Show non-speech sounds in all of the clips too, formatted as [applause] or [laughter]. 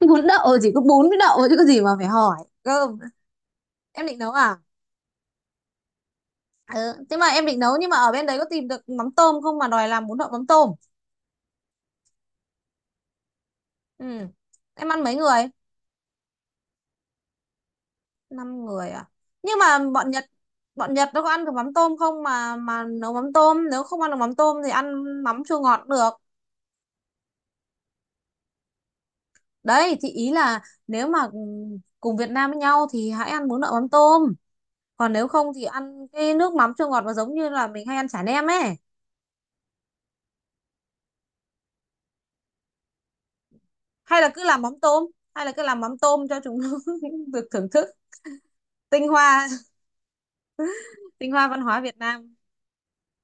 Bún đậu chỉ có bún với đậu chứ có gì mà phải hỏi. Cơm. Em định nấu à? Ừ. Thế mà em định nấu nhưng mà ở bên đấy có tìm được mắm tôm không mà đòi làm bún đậu mắm tôm? Ừ. Em ăn mấy người? Năm người à? Nhưng mà bọn Nhật, nó có ăn được mắm tôm không mà nấu mắm tôm? Nếu không ăn được mắm tôm thì ăn mắm chua ngọt cũng được. Đấy thì ý là nếu mà cùng Việt Nam với nhau thì hãy ăn bún đậu mắm tôm, còn nếu không thì ăn cái nước mắm chua ngọt nó giống như là mình hay ăn chả nem ấy. Hay là cứ làm mắm tôm, hay là cứ làm mắm tôm cho chúng [laughs] được thưởng thức tinh hoa, văn hóa Việt Nam.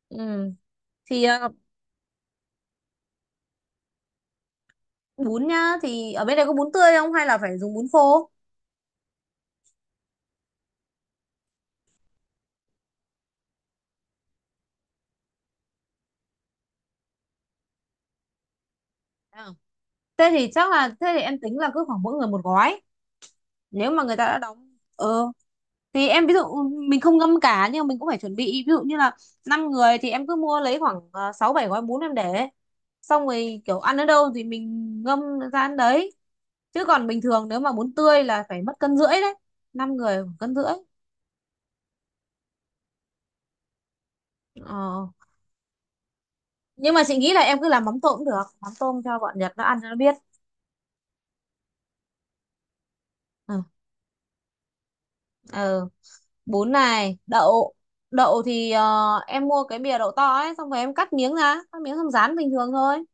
Ừ. Thì bún nhá, thì ở bên đây có bún tươi không hay là phải dùng bún khô? À. Thế thì chắc là thế thì em tính là cứ khoảng mỗi người một gói. Nếu mà người ta đã đóng thì em ví dụ mình không ngâm cả nhưng mà mình cũng phải chuẩn bị ví dụ như là năm người thì em cứ mua lấy khoảng sáu bảy gói bún em để, xong rồi kiểu ăn ở đâu thì mình ngâm ra ăn đấy. Chứ còn bình thường nếu mà bún tươi là phải mất cân rưỡi đấy, năm người khoảng cân rưỡi. Ờ. Nhưng mà chị nghĩ là em cứ làm mắm tôm cũng được, mắm tôm cho bọn Nhật nó ăn cho nó biết. Ừ. ờ, Bún này đậu, đậu thì em mua cái bìa đậu to ấy xong rồi em cắt miếng ra, cắt miếng xong rán bình thường thôi.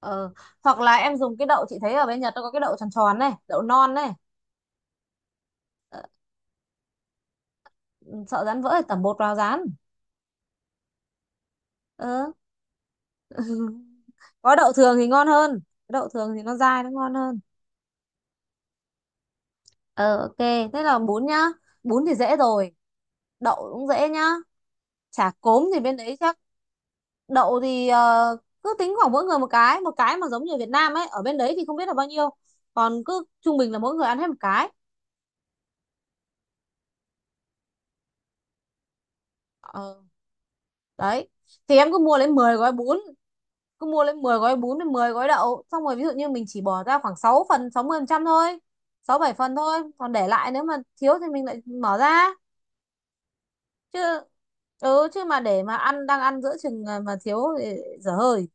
Ờ, hoặc là em dùng cái đậu, chị thấy ở bên Nhật nó có cái đậu tròn tròn này, đậu non này. Ờ, sợ rán vỡ thì tẩm bột vào rán. Ờ. [laughs] Có đậu thường thì ngon hơn, đậu thường thì nó dai nó ngon hơn. Ờ, ok, thế là bún nhá, bún thì dễ rồi, đậu cũng dễ nhá. Chả cốm thì bên đấy chắc. Đậu thì cứ tính khoảng mỗi người một cái, một cái mà giống như ở Việt Nam ấy, ở bên đấy thì không biết là bao nhiêu, còn cứ trung bình là mỗi người ăn hết một cái. Ờ. Đấy thì em cứ mua lấy 10 gói bún, cứ mua lấy 10 gói bún với 10 gói đậu, xong rồi ví dụ như mình chỉ bỏ ra khoảng 6 phần, 60% thôi, 6 bảy phần thôi, còn để lại nếu mà thiếu thì mình lại mở ra. Chứ ừ, chứ mà để mà ăn đang ăn giữa chừng mà thiếu thì dở hơi.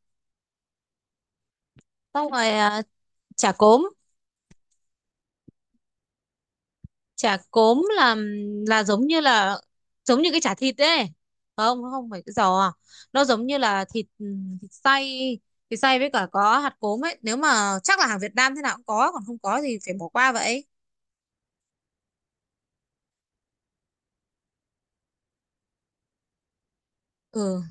Xong rồi chả cốm. Chả cốm là giống như là, giống như cái chả thịt ấy. Không, nó không phải cái giò, nó giống như là thịt, thịt xay, thịt xay với cả có hạt cốm ấy, nếu mà chắc là hàng Việt Nam thế nào cũng có, còn không có thì phải bỏ qua vậy. Ừ.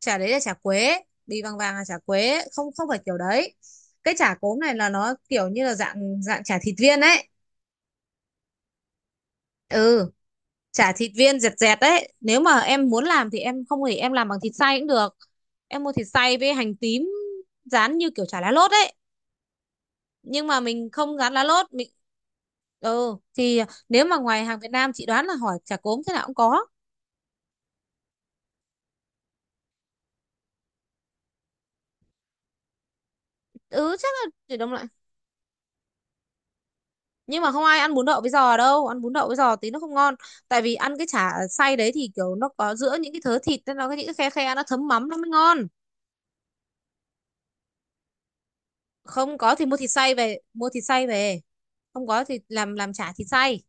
Chả đấy là chả quế, bì vàng vàng là chả quế, không không phải kiểu đấy. Cái chả cốm này là nó kiểu như là dạng, chả thịt viên ấy. Ừ, chả thịt viên dẹt dẹt đấy, nếu mà em muốn làm thì em, không thì em làm bằng thịt xay cũng được. Em mua thịt xay với hành tím, rán như kiểu chả lá lốt ấy, nhưng mà mình không rán lá lốt mình. Ừ thì nếu mà ngoài hàng Việt Nam chị đoán là hỏi chả cốm thế nào cũng có. Ừ, chắc là để đông lại. Nhưng mà không ai ăn bún đậu với giò đâu, ăn bún đậu với giò tí nó không ngon, tại vì ăn cái chả xay đấy thì kiểu nó có giữa những cái thớ thịt nên nó có những cái khe khe, nó thấm mắm nó mới ngon. Không có thì mua thịt xay về, không có thì làm, chả thịt xay.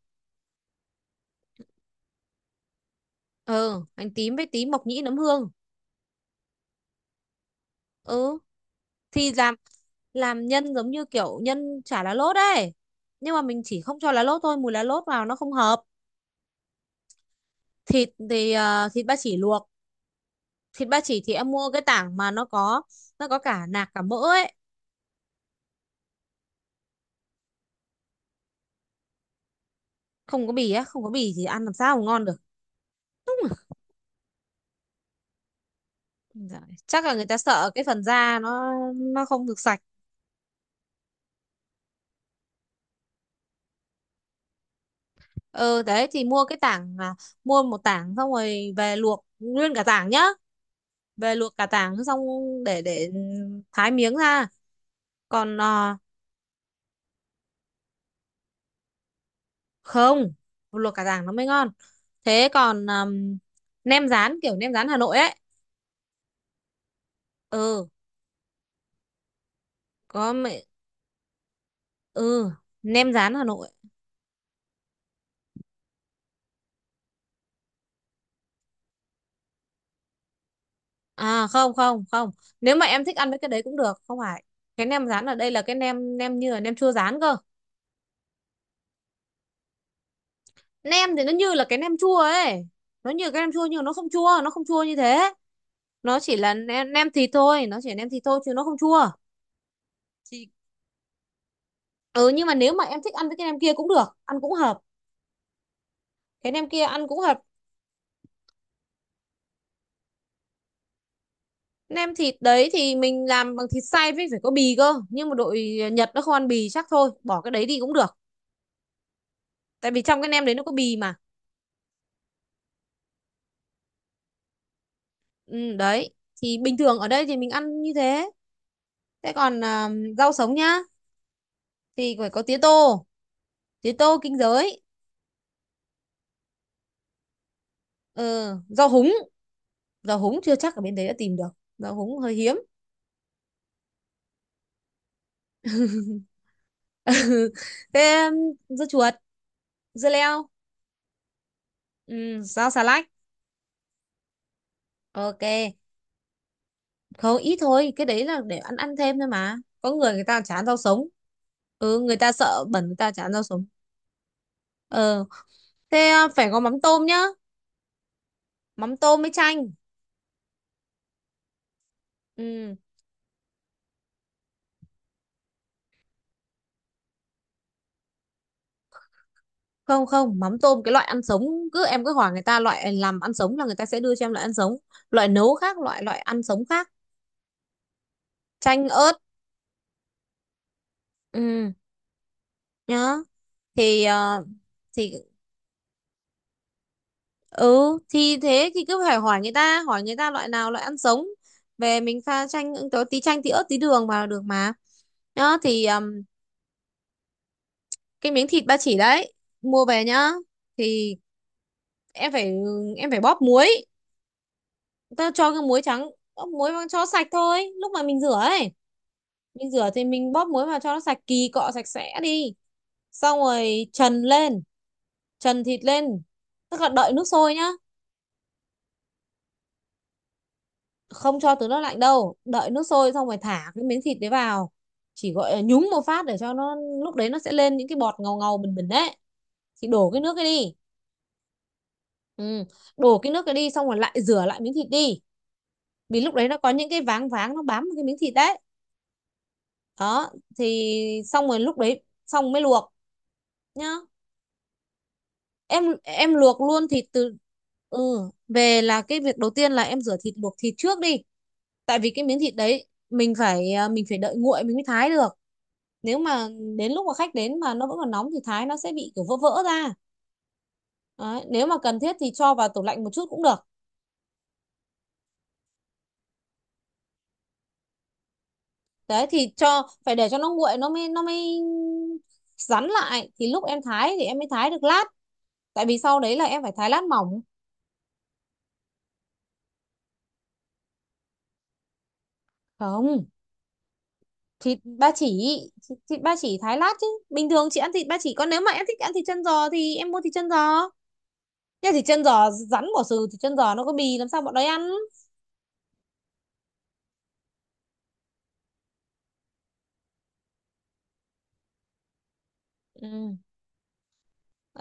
Ừ, hành tím với tí mộc nhĩ nấm hương. Ừ thì làm, nhân giống như kiểu nhân chả lá lốt ấy, nhưng mà mình chỉ không cho lá lốt thôi, mùi lá lốt vào nó không hợp. Thịt thì thịt ba chỉ luộc. Thịt ba chỉ thì em mua cái tảng mà nó có, cả nạc cả mỡ ấy. Không có bì á? Không có bì thì ăn làm sao mà ngon được. Dạ, chắc là người ta sợ cái phần da, nó không được sạch. Ừ, đấy thì mua cái tảng, mua một tảng xong rồi về luộc nguyên cả tảng nhá. Về luộc cả tảng xong, để thái miếng ra, còn không, luộc cả tảng nó mới ngon. Thế còn nem rán kiểu nem rán Hà Nội ấy. Ừ, có mẹ. Ừ, nem rán Hà Nội. À, không, không, không. Nếu mà em thích ăn với cái đấy cũng được, không phải. Cái nem rán ở đây là cái nem, nem như là nem chua rán cơ. Nem thì nó như là cái nem chua ấy, nó như cái nem chua nhưng mà nó không chua, như thế. Nó chỉ là nem, nem thịt thôi, chứ nó không chua. Chỉ ừ, nhưng mà nếu mà em thích ăn với cái nem kia cũng được, ăn cũng hợp. Cái nem kia ăn cũng hợp. Nem thịt đấy thì mình làm bằng thịt xay với phải có bì cơ, nhưng mà đội Nhật nó không ăn bì chắc, thôi bỏ cái đấy đi cũng được. Tại vì trong cái nem đấy nó có bì mà. Ừ, đấy thì bình thường ở đây thì mình ăn như thế. Thế còn rau sống nhá, thì phải có tía tô, tía tô kinh giới. Ừ, rau húng, rau húng chưa chắc ở bên đấy đã tìm được, rau húng hơi hiếm. [laughs] Thế dưa chuột, dưa leo. Ừ, rau xà lách. Ok. Không, ít thôi, cái đấy là để ăn, thêm thôi mà. Có người người ta chán rau sống. Ừ, người ta sợ bẩn người ta chán rau sống. Ờ, thế phải có mắm tôm nhá, mắm tôm với chanh. Ừ. Không, không, mắm tôm cái loại ăn sống, cứ em cứ hỏi người ta loại làm ăn sống là người ta sẽ đưa cho em loại ăn sống. Loại nấu khác, loại, ăn sống khác. Chanh ớt. Ừ, nhá thì thì ừ thì thế thì cứ phải hỏi người ta, loại nào loại ăn sống. Về mình pha chanh, có tí chanh tí ớt tí đường vào là được mà. Nhá thì cái miếng thịt ba chỉ đấy mua về nhá, thì em phải, bóp muối, ta cho cái muối trắng, bóp muối vào cho sạch thôi lúc mà mình rửa ấy. Mình rửa thì mình bóp muối vào cho nó sạch, kỳ cọ sạch sẽ đi, xong rồi trần lên, trần thịt lên, tức là đợi nước sôi nhá, không cho từ nước lạnh đâu, đợi nước sôi xong rồi thả cái miếng thịt đấy vào, chỉ gọi là nhúng một phát để cho nó, lúc đấy nó sẽ lên những cái bọt ngầu ngầu bình bình đấy thì đổ cái nước cái đi. Ừ. Đổ cái nước cái đi xong rồi lại rửa lại miếng thịt đi, vì lúc đấy nó có những cái váng váng nó bám vào cái miếng thịt đấy. Đó. Thì xong rồi lúc đấy xong mới luộc, nhá. Em luộc luôn thịt từ. Ừ, về là cái việc đầu tiên là em rửa thịt luộc thịt trước đi. Tại vì cái miếng thịt đấy mình phải mình phải đợi nguội mình mới thái được. Nếu mà đến lúc mà khách đến mà nó vẫn còn nóng thì thái nó sẽ bị kiểu vỡ vỡ ra. Đấy. Nếu mà cần thiết thì cho vào tủ lạnh một chút cũng được. Đấy thì cho phải để cho nó nguội nó mới, rắn lại thì lúc em thái thì em mới thái được lát, tại vì sau đấy là em phải thái lát mỏng. Không, thịt ba chỉ, thịt ba chỉ thái lát chứ bình thường chị ăn thịt ba chỉ, còn nếu mà em thích ăn thịt chân giò thì em mua thịt chân giò, nhưng thịt chân giò rắn bỏ xừ, thịt chân giò nó có bì làm sao bọn đấy ăn. Ừ.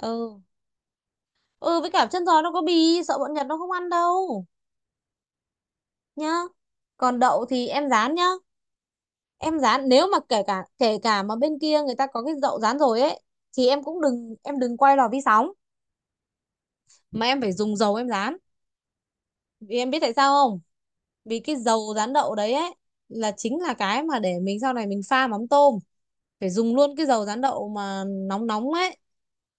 ừ ừ với cả chân giò nó có bì sợ bọn Nhật nó không ăn đâu, nhá. Còn đậu thì em rán nhá, em rán nếu mà kể cả, mà bên kia người ta có cái đậu rán rồi ấy thì em cũng đừng, đừng quay lò vi sóng, mà em phải dùng dầu em rán. Vì em biết tại sao không? Vì cái dầu rán đậu đấy ấy là chính là cái mà để mình sau này mình pha mắm tôm, phải dùng luôn cái dầu rán đậu mà nóng nóng ấy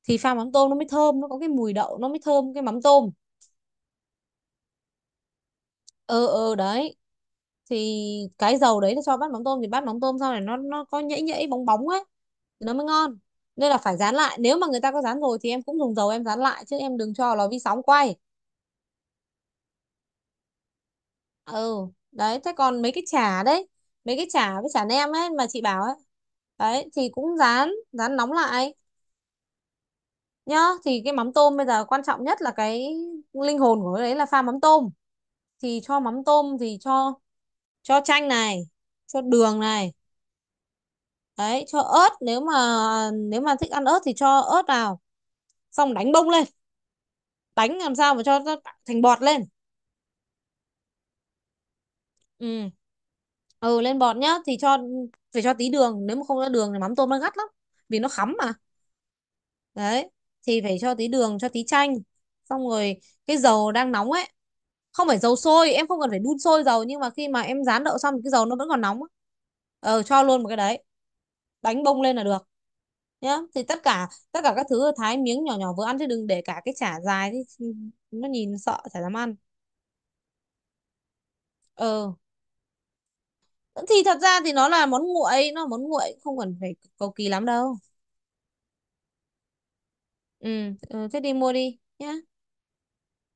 thì pha mắm tôm nó mới thơm, nó có cái mùi đậu nó mới thơm cái mắm tôm. Ừ. Đấy thì cái dầu đấy nó cho bát mắm tôm thì bát mắm tôm sau này nó, có nhễ nhễ bóng bóng ấy thì nó mới ngon. Nên là phải rán lại, nếu mà người ta có rán rồi thì em cũng dùng dầu em rán lại chứ em đừng cho vào lò vi sóng quay. Ừ, đấy thế còn mấy cái chả đấy, mấy cái chả với chả nem ấy mà chị bảo ấy, đấy thì cũng rán, rán nóng lại, nhá. Thì cái mắm tôm bây giờ quan trọng nhất là cái linh hồn của cái đấy là pha mắm tôm, thì cho mắm tôm thì cho chanh này, cho đường này, đấy cho ớt, nếu mà, thích ăn ớt thì cho ớt vào, xong đánh bông lên, đánh làm sao mà cho nó thành bọt lên. Ừ. ừ Lên bọt nhá, thì phải cho tí đường, nếu mà không có đường thì mắm tôm nó gắt lắm, vì nó khắm mà. Đấy thì phải cho tí đường, cho tí chanh, xong rồi cái dầu đang nóng ấy, không phải dầu sôi, em không cần phải đun sôi dầu, nhưng mà khi mà em rán đậu xong thì cái dầu nó vẫn còn nóng á. Cho luôn một cái đấy, đánh bông lên là được, nhá. Thì tất cả, các thứ thái miếng nhỏ nhỏ vừa ăn chứ đừng để cả cái chả dài thì nó nhìn sợ chả dám ăn. Ờ thì thật ra thì nó là món nguội, nó là món nguội không cần phải cầu kỳ lắm đâu. Ừ, ừ thế đi mua đi nhá.